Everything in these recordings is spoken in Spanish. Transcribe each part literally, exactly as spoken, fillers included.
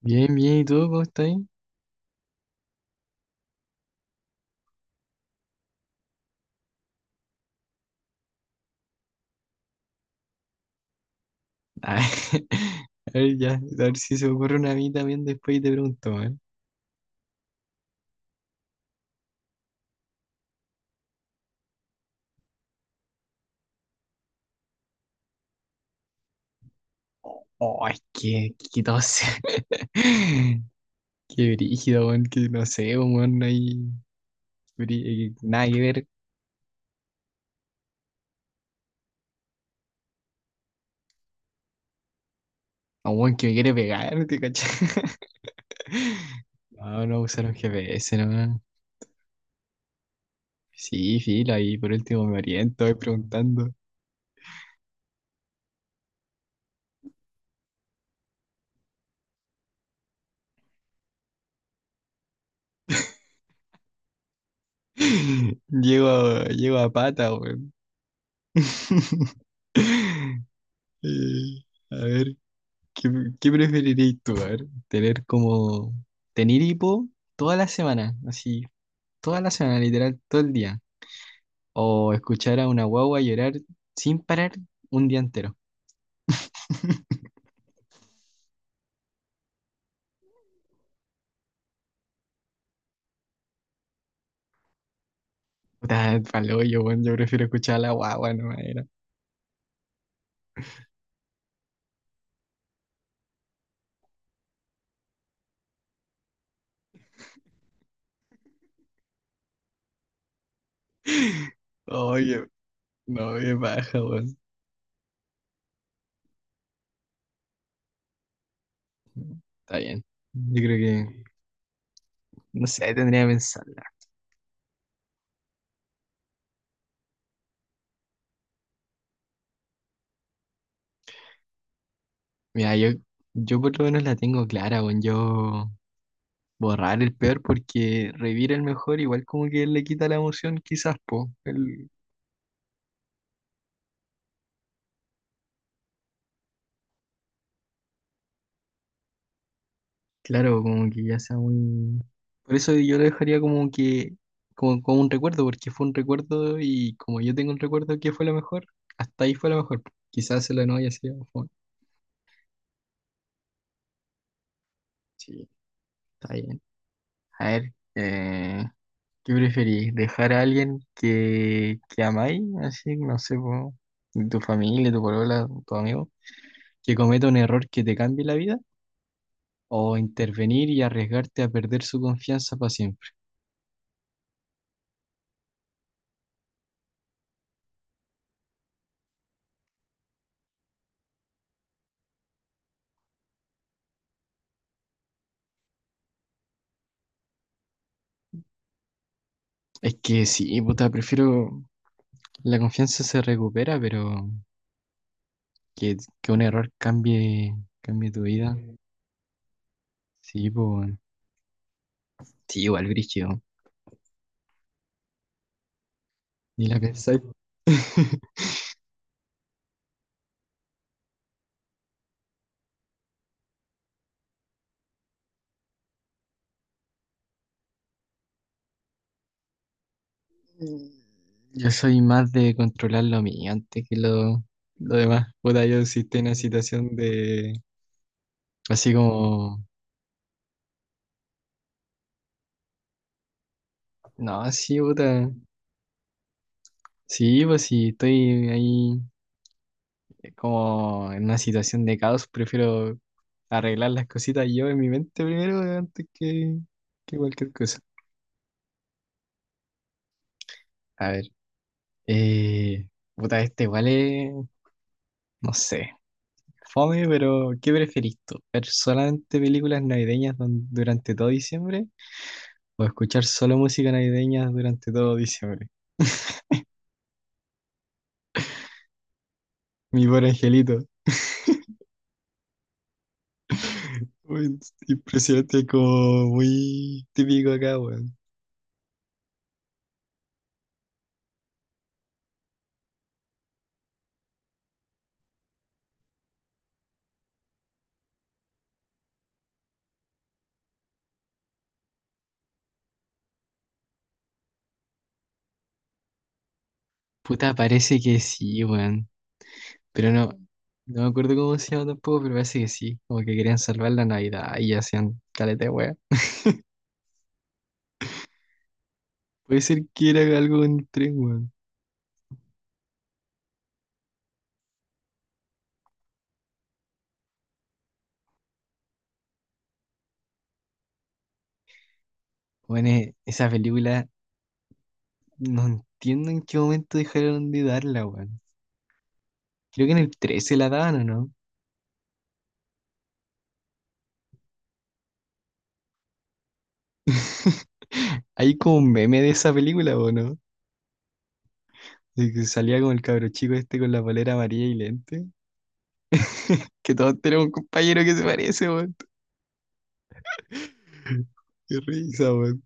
Bien, bien, ¿y tú cómo estás? Ay, a ver, ya, a ver si se me ocurre una a mí también después y te pregunto, ¿eh? Oh, es que, que tos. Qué brígido, weón, que no sé, pues, weón, no hay brí- eh, nada que ver. A un weón que me quiere pegar, ¿te cachai? No, no usaron G P S, no. Sí, filo, ahí por último me oriento, voy preguntando. Llego a, llego a pata, weón. Eh, A ver. ¿Qué, qué preferirías tú, a ver? Tener como, tener hipo toda la semana, así, toda la semana, literal, todo el día. O escuchar a una guagua llorar sin parar un día entero. Puta, palo, yo, weón, yo prefiero escuchar a la guagua, no era. Oye, no me baja, weón. Está bien. Yo creo que, no sé, tendría que pensarla. Mira, yo, yo por lo menos la tengo clara, weón. Yo borrar el peor porque revivir el mejor igual como que le quita la emoción quizás, po. El claro, como que ya sea muy. Por eso yo lo dejaría como que, como, como un recuerdo, porque fue un recuerdo y como yo tengo un recuerdo que fue lo mejor, hasta ahí fue lo mejor. Quizás se lo no haya sido. Fue sí, está bien. A ver, eh, ¿qué preferís? ¿Dejar a alguien que, que amáis? Así, no sé, po, tu familia, tu polola, tu amigo, que cometa un error que te cambie la vida, o intervenir y arriesgarte a perder su confianza para siempre. Es que sí, puta, prefiero. La confianza se recupera, pero que, que un error cambie, cambie tu vida. Sí, pues, bueno. Sí, igual, brígido. Ni la pensáis. Yo soy más de controlar lo mío antes que lo, lo demás. Puta, yo sí estoy en una situación de. Así como. No, sí, puta. Sí, pues sí, estoy ahí. Es como en una situación de caos, prefiero arreglar las cositas yo en mi mente primero, eh, antes que, que cualquier cosa. A ver, eh, puta, este igual es, no sé, fome, pero ¿qué preferís tú? ¿Ver solamente películas navideñas don- durante todo diciembre, o escuchar solo música navideña durante todo diciembre? Mi buen angelito. Uy, impresionante, como muy típico acá, weón. Puta, parece que sí, weón. Pero no, mm, no me acuerdo cómo se llama tampoco, pero parece que sí. Como que querían salvar la Navidad y hacían caleta de wea. Puede ser que era algo en el tren, weón. Bueno, eh, esa película, no entiendo en qué momento dejaron de darla, weón. Creo que en el trece la daban, ¿o no? Hay como un meme de esa película, ¿o no? De que salía como el cabro chico este con la polera amarilla y lente. Que todos tenemos un compañero que se parece, weón. Qué risa, weón.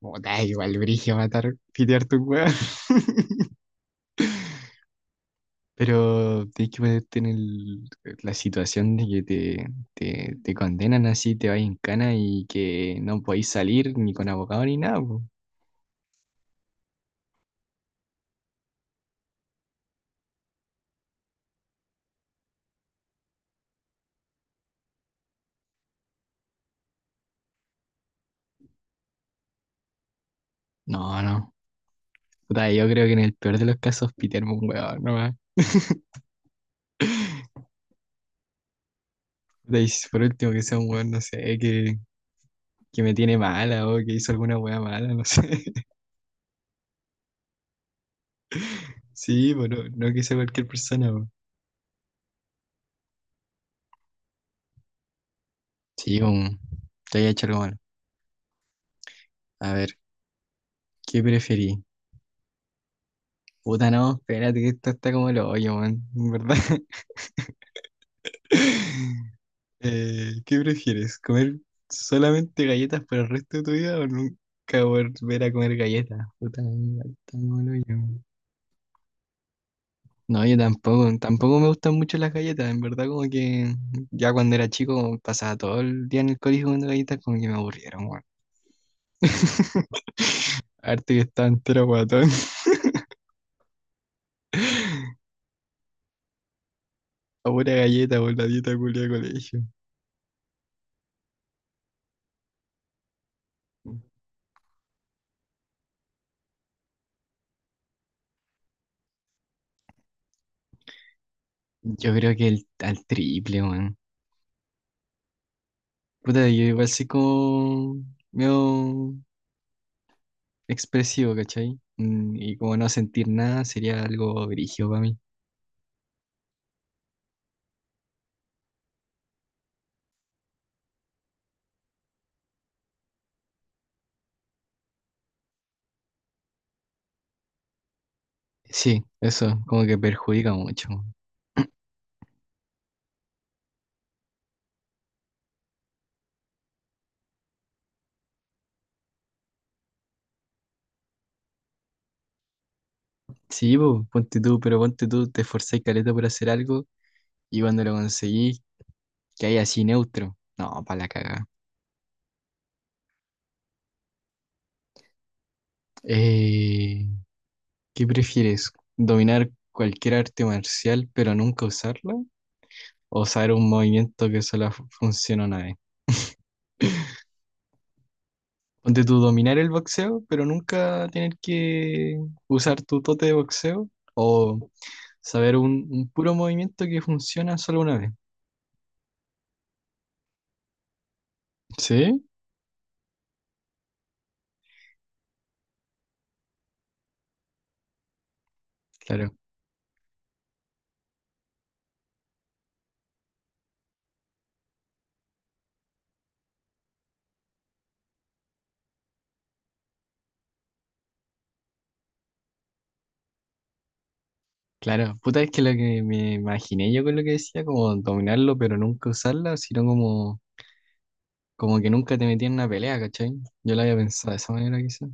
Puta, igual brillo matar, pitear tu weón. Pero tienes que ponerte en el eh, la situación de que te, te, te condenan así, te vas en cana y que no podéis salir ni con abogado ni nada, po. No, no. Puta, yo creo que en el peor de los casos, pitearme un weón nomás. Puta, y si por último que sea un weón, no sé, que, que me tiene mala o que hizo alguna weá mala, no sé. Sí, bueno, no, no que sea cualquier persona, po. Sí, un, te haya hecho algo malo. A ver, ¿qué preferí? Puta, no, espérate que esto está como el hoyo, man, en verdad. Eh, ¿qué prefieres? ¿Comer solamente galletas por el resto de tu vida o nunca volver a comer galletas? Puta, igual está como el no, yo tampoco, tampoco me gustan mucho las galletas, en verdad, como que ya cuando era chico, como pasaba todo el día en el colegio comiendo galletas, como que me aburrieron, weón. Harto que estaba entero guatón, a pura galleta por la dieta culia de colegio. Yo creo que el, al triple, weón. Puta, yo igual soy como medio expresivo, ¿cachai? Mm, y como no sentir nada sería algo brígido para mí. Sí, eso, como que perjudica mucho. Sí, po, ponte tú, pero ponte tú, te esforzás caleta por hacer algo y cuando lo conseguís, que hay así neutro. No, para la cagada. Eh, ¿qué prefieres? ¿Dominar cualquier arte marcial pero nunca usarla? ¿O saber un movimiento que solo fu- funciona una vez? Ponte tú, dominar el boxeo pero nunca tener que usar tu tote de boxeo. O saber un, un puro movimiento que funciona solo una vez. ¿Sí? Claro, claro. Puta, es que lo que me imaginé yo con lo que decía, como dominarlo, pero nunca usarla, sino como, como que nunca te metían en una pelea, ¿cachai? Yo lo había pensado de esa manera, quizás.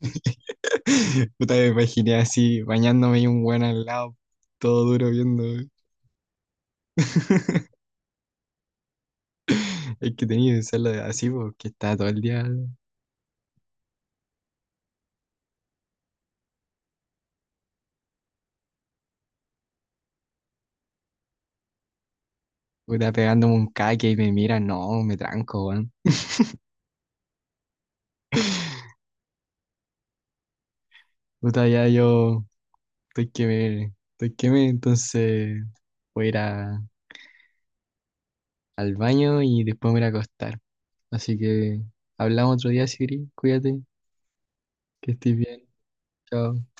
Puta, me imaginé así, bañándome y un buen al lado, todo duro viendo. Es que tenía que usarlo de- así, porque estaba todo el día, puta, pegándome un caque y me mira, no, me tranco, weón. Puta, ya yo. Estoy que me, estoy que me, entonces voy a ir a- al baño y después me voy a ir a acostar. Así que hablamos otro día, Siri. Cuídate, que estés bien. Chao.